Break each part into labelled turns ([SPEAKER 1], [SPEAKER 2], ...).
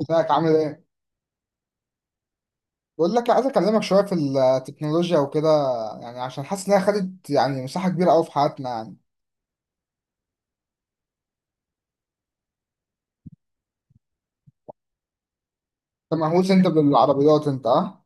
[SPEAKER 1] ازيك؟ عامل ايه؟ بقول لك عايز اكلمك شويه في التكنولوجيا وكده، يعني عشان حاسس انها خدت يعني مساحه كبيره قوي في حياتنا يعني. انت مهووس بالعربيات انت، اه؟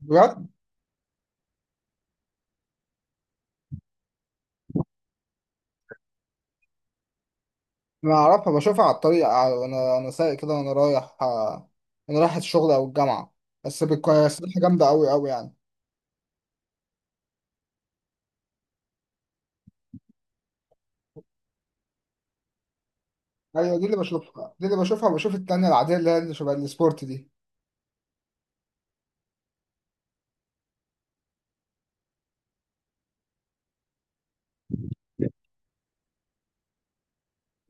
[SPEAKER 1] بجد؟ انا اعرفها، بشوفها على الطريق وانا سايق كده وانا رايح، وانا رايح الشغل او الجامعه. بس بتكون جامده قوي قوي يعني. ايوه دي اللي بشوفها، دي اللي بشوفها. وبشوف التانيه العاديه اللي هي اللي شبه السبورت دي.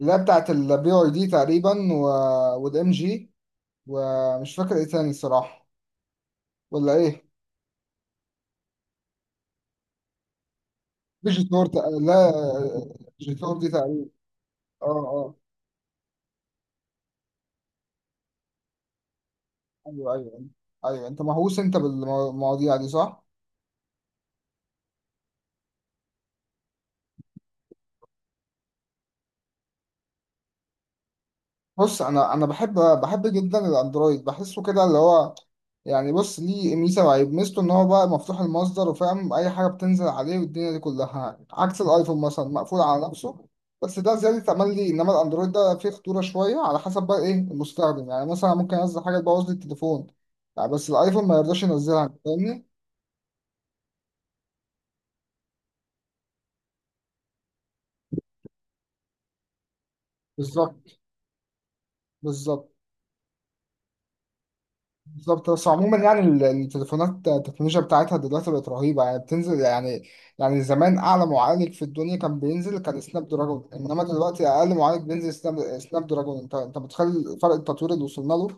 [SPEAKER 1] اللي هي بتاعت البي واي دي تقريبا والام جي، ومش فاكر ايه تاني الصراحه. ولا ايه؟ مش لا، جيتار دي تقريبا. اه اه. ايوه ايوه. ايوه، انت مهووس بالمواضيع دي صح؟ بص، انا بحب جدا الاندرويد، بحسه كده اللي هو، يعني بص ليه ميزه وعيب. ميزته ان هو بقى مفتوح المصدر وفاهم اي حاجه بتنزل عليه والدنيا دي كلها، عكس الايفون مثلا مقفول على نفسه. بس ده زياده امل لي. انما الاندرويد ده فيه خطوره شويه على حسب بقى ايه المستخدم. يعني مثلا ممكن انزل حاجه تبوظ لي التليفون يعني، بس الايفون ما يرضاش ينزلها. أنت فاهمني؟ بالظبط. بالظبط. بالظبط. بس عموما يعني التليفونات التكنولوجيا بتاعتها دلوقتي بقت رهيبة، يعني بتنزل يعني. يعني زمان أعلى معالج في الدنيا كان بينزل كان سناب دراجون، إنما دلوقتي أقل معالج بينزل سناب دراجون. أنت متخيل فرق التطوير اللي وصلنا له؟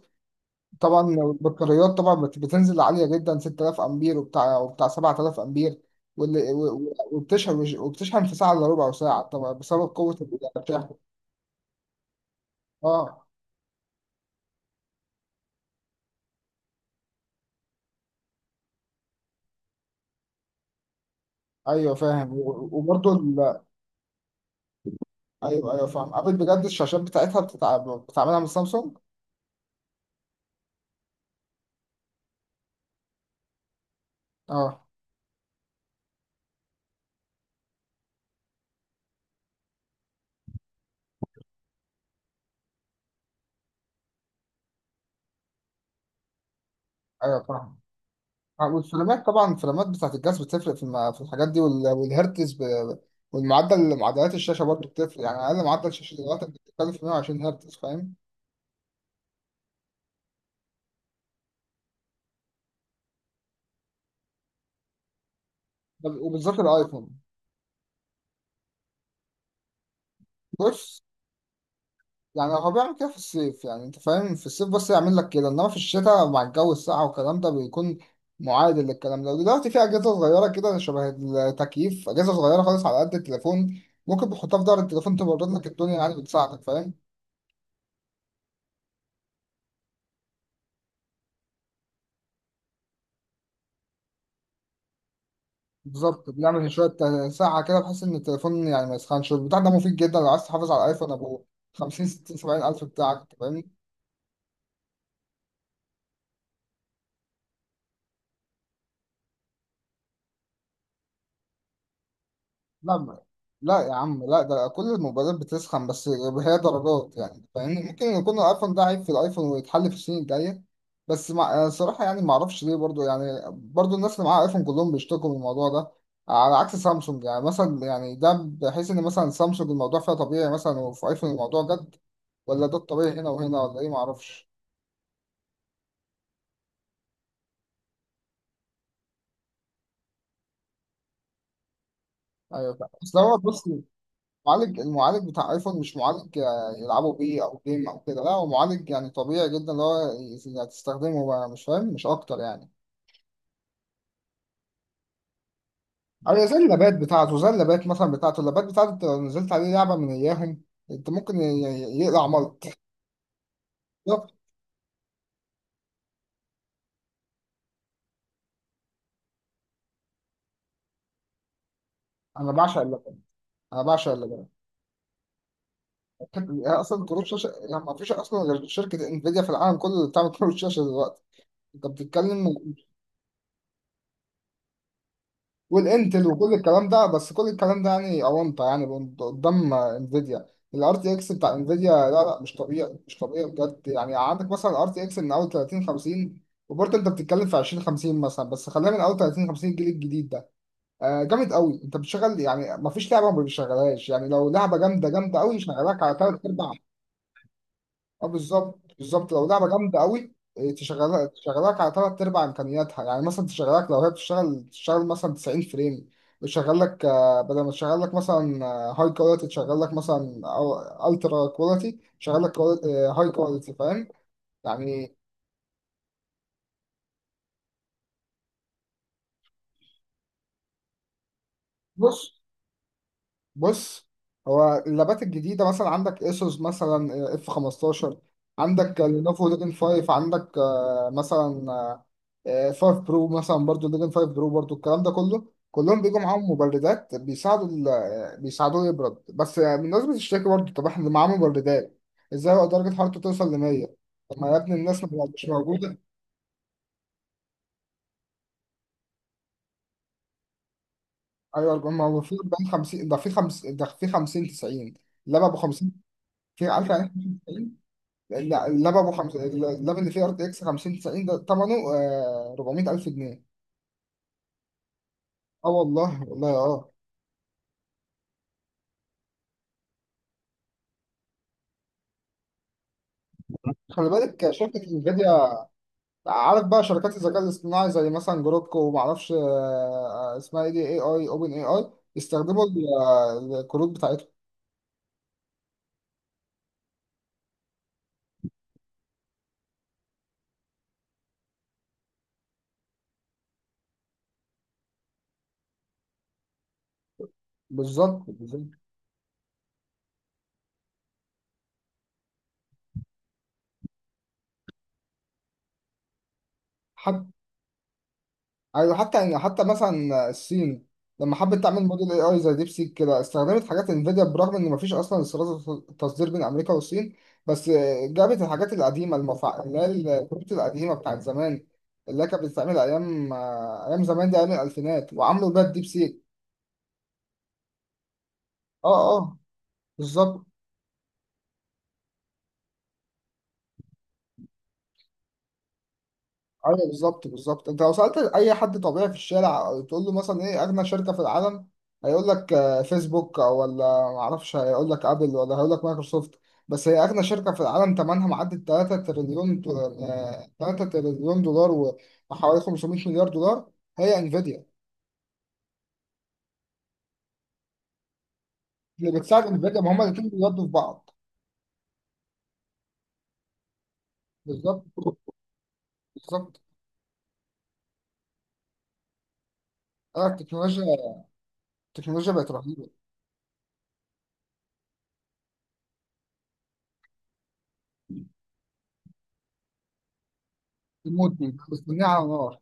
[SPEAKER 1] طبعا البطاريات، بتنزل عالية جدا، 6000 أمبير وبتاع 7000 أمبير، وبتشحن وبتشحن في ساعة إلا ربع ساعة طبعا بسبب قوة بتاعها. اه. ايوه فاهم وبرضه. ايوه ايوه فاهم. ابل بجد الشاشات بتاعتها بتعملها من سامسونج. اه. ايوه فاهم. والفريمات، طبعا الفريمات بتاعت الجهاز بتفرق في الحاجات دي، والهرتز والمعدل، معدلات الشاشه برضه بتفرق. يعني اقل معدل شاشه دلوقتي بتتكلم في 120 هرتز، فاهم؟ وبالذات الايفون. بص، يعني هو بيعمل كده في الصيف، يعني انت فاهم، في الصيف بس يعمل لك كده. انما في الشتاء مع الجو الساقع والكلام ده بيكون معادل للكلام ده. ودلوقتي في اجهزه صغيره كده شبه التكييف، اجهزه صغيره خالص على قد التليفون، ممكن بتحطها في ظهر التليفون تبرد لك الدنيا يعني، بتساعدك، فاهم؟ بالظبط. بنعمل ساعه كده بحيث ان التليفون يعني ما يسخنش، والبتاع ده مفيد جدا لو عايز تحافظ على الايفون ابو 50 60 70 الف بتاعك. لا ما- لا يا عم لا، ده كل الموبايلات بتسخن، بس هي درجات يعني، فاهمني؟ ممكن يكون الايفون ده عيب في الايفون ويتحل في السنين الجايه. بس مع صراحه يعني ما اعرفش ليه، برضو يعني برضو الناس اللي معاها ايفون كلهم بيشتكوا من الموضوع ده، على عكس سامسونج. يعني مثلا يعني ده بحيث ان مثلا سامسونج الموضوع فيها طبيعي مثلا، وفي ايفون الموضوع جد. ولا ده الطبيعي هنا وهنا ولا ايه، ما اعرفش. ايوه فاهم. بس هو بص، المعالج، المعالج بتاع ايفون مش معالج يلعبوا بيه او جيم او كده. لا هو معالج يعني طبيعي جدا، اللي هو يعني تستخدمه بقى مش فاهم مش اكتر يعني. او زي اللابات بتاعته، زي اللابات مثلا بتاعته، اللابات بتاعته انت لو نزلت عليه لعبه من اياهم انت ممكن يقلع ملط. بالظبط. انا بعشق اللابات. انا بعشق اللابات. هي اصلا كروت شاشه يعني ما فيش اصلا غير شركه انفيديا في العالم كله اللي بتعمل كروت شاشه دلوقتي. انت بتتكلم والانتل وكل الكلام ده، بس كل الكلام ده يعني اونطه يعني قدام انفيديا. الار تي اكس بتاع انفيديا، لا مش طبيعي مش طبيعي بجد. يعني عندك مثلا الار تي اكس من اول 30 50، وبرضه انت بتتكلم في 20 50 مثلا، بس خلينا من اول 30 50، الجيل الجديد ده آه جامد قوي. انت بتشغل يعني، ما فيش لعبه ما بيشغلهاش يعني، لو لعبه جامده جامده قوي يشغلك على ثلاث ارباع. اه بالظبط بالظبط، لو لعبه جامده قوي، تشغلها تشغلك على ثلاث ارباع امكانياتها، يعني مثلا تشغلك، لو هي بتشتغل تشتغل مثلا 90 فريم، بتشغل لك بدل ما تشغل لك مثلا هاي كواليتي تشغل لك مثلا او الترا كواليتي، تشغل لك هاي كواليتي فاهم يعني. بص بص، هو اللابات الجديدة مثلا عندك اسوس مثلا اف 15، عندك لينوفو ليجن 5، عندك مثلا 5 برو مثلا، برضو ليجن 5 برو برضو، الكلام ده كله كلهم بيجوا معاهم مبردات بيساعدوا بيساعدوه يبرد. بس آه، الناس بتشتكي برضو، طب احنا اللي معاه مبردات ازاي هو درجة حرارته توصل ل 100؟ طب ما يا ابني الناس مش موجودة. ايوه ما هو في 40 50، ده في 50، ده في 50 90، لما ب 50 في، عارف يعني إيه. لا اللاب ابو خمس، اللاب اللي فيه ار تي اكس 50 90 ده ثمنه 400 الف جنيه. اه والله والله اه. خلي بالك شركه انفيديا، عارف بقى شركات الذكاء الاصطناعي زي مثلا جروك وما اعرفش آه، اسمها ايه، دي اي اي، اوبن اي اي، يستخدموا الكروت بتاعتهم. بالظبط بالظبط. ايوه حتى يعني حتى مثلا الصين لما حبت تعمل موديل اي اي زي ديب سيك كده، استخدمت حاجات انفيديا برغم ان مفيش اصلا استيراد تصدير بين امريكا والصين. بس جابت الحاجات القديمه اللي هي الكروت القديمه بتاعت زمان، اللي هي كانت بتتعمل ايام زمان دي، ايام الالفينات، وعملوا بيها الديب سيك. اه اه. بالظبط. ايوه بالظبط بالظبط. انت لو سالت اي حد طبيعي في الشارع تقول له مثلا ايه اغنى شركه في العالم، هيقول لك فيسبوك او ولا معرفش، هيقول لك ابل ولا هيقول لك مايكروسوفت. بس هي اغنى شركه في العالم، ثمنها معدي 3 تريليون، 3 تريليون دولار وحوالي 500 مليار دولار، هي انفيديا. اللي بتساعد انفيديا، ما هم الاثنين بيودوا في بعض. بالظبط بالظبط. التكنولوجيا، التكنولوجيا بقت رهيبه. الموت دي بس منيعة على نار.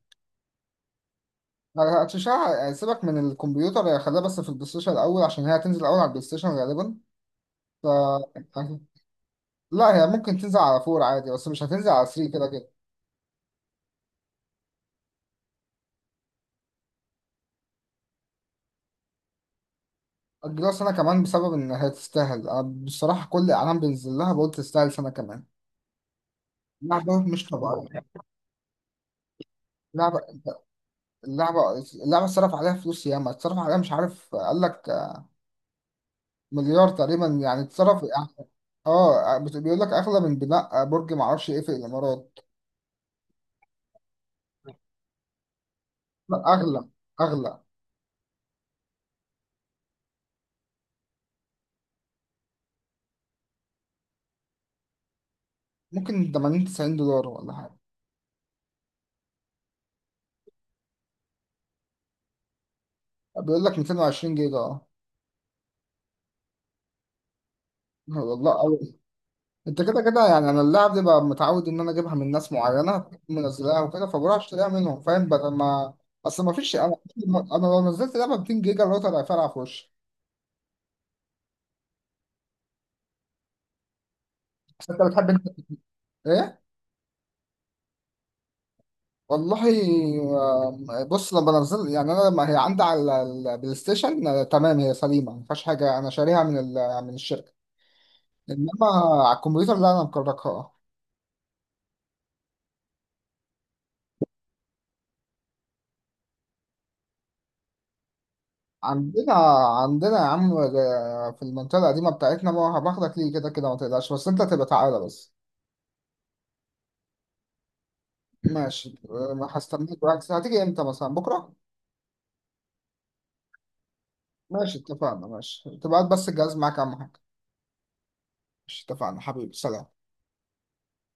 [SPEAKER 1] هتشع، سيبك من الكمبيوتر، هي خليها بس في البلاي ستيشن الاول، عشان هي هتنزل الاول على البلاي ستيشن غالبا ف لا هي ممكن تنزل على فور عادي، بس مش هتنزل على 3 كده كده. اجلها سنه كمان بسبب ان هي تستاهل، انا بصراحه كل اعلان بينزل لها بقول تستاهل سنه كمان. لعبه مش طبيعيه. لعبه، اللعبه، اللعبه اتصرف عليها فلوس ياما، اتصرف عليها مش عارف قال لك مليار تقريبا يعني اتصرف. اه بيقول لك اغلى من بناء برج معرفش ايه في الامارات. لا اغلى. اغلى. ممكن 80 90 دولار ولا حاجة. بيقول لك 220 جيجا اه. والله أوي. انت كده كده يعني انا اللعب دي بقى متعود ان انا اجيبها من ناس معينة منزلاها وكده، فبروح اشتريها منهم فاهم، بدل ما، اصل ما فيش، انا انا لو نزلت لعبة 200 جيجا الراوتر هيفرقع في وشي. بس انت بتحب انت ايه؟ والله بص، لما بنزل يعني، انا لما هي عندي على البلاي ستيشن تمام هي سليمة ما فيهاش حاجة، انا شاريها من من الشركة. انما على الكمبيوتر لا انا مكركها. عندنا. عندنا يا عم في المنطقة القديمة بتاعتنا، ما هباخدك ليه كده كده، ما تقلقش بس انت تبقى تعالى بس. ماشي ما هستناك، وقت هتيجي امتى مثلا بكرة؟ ماشي اتفقنا. ماشي تبقى هات بس الجهاز معاك اهم حاجة. ماشي اتفقنا حبيبي، سلام.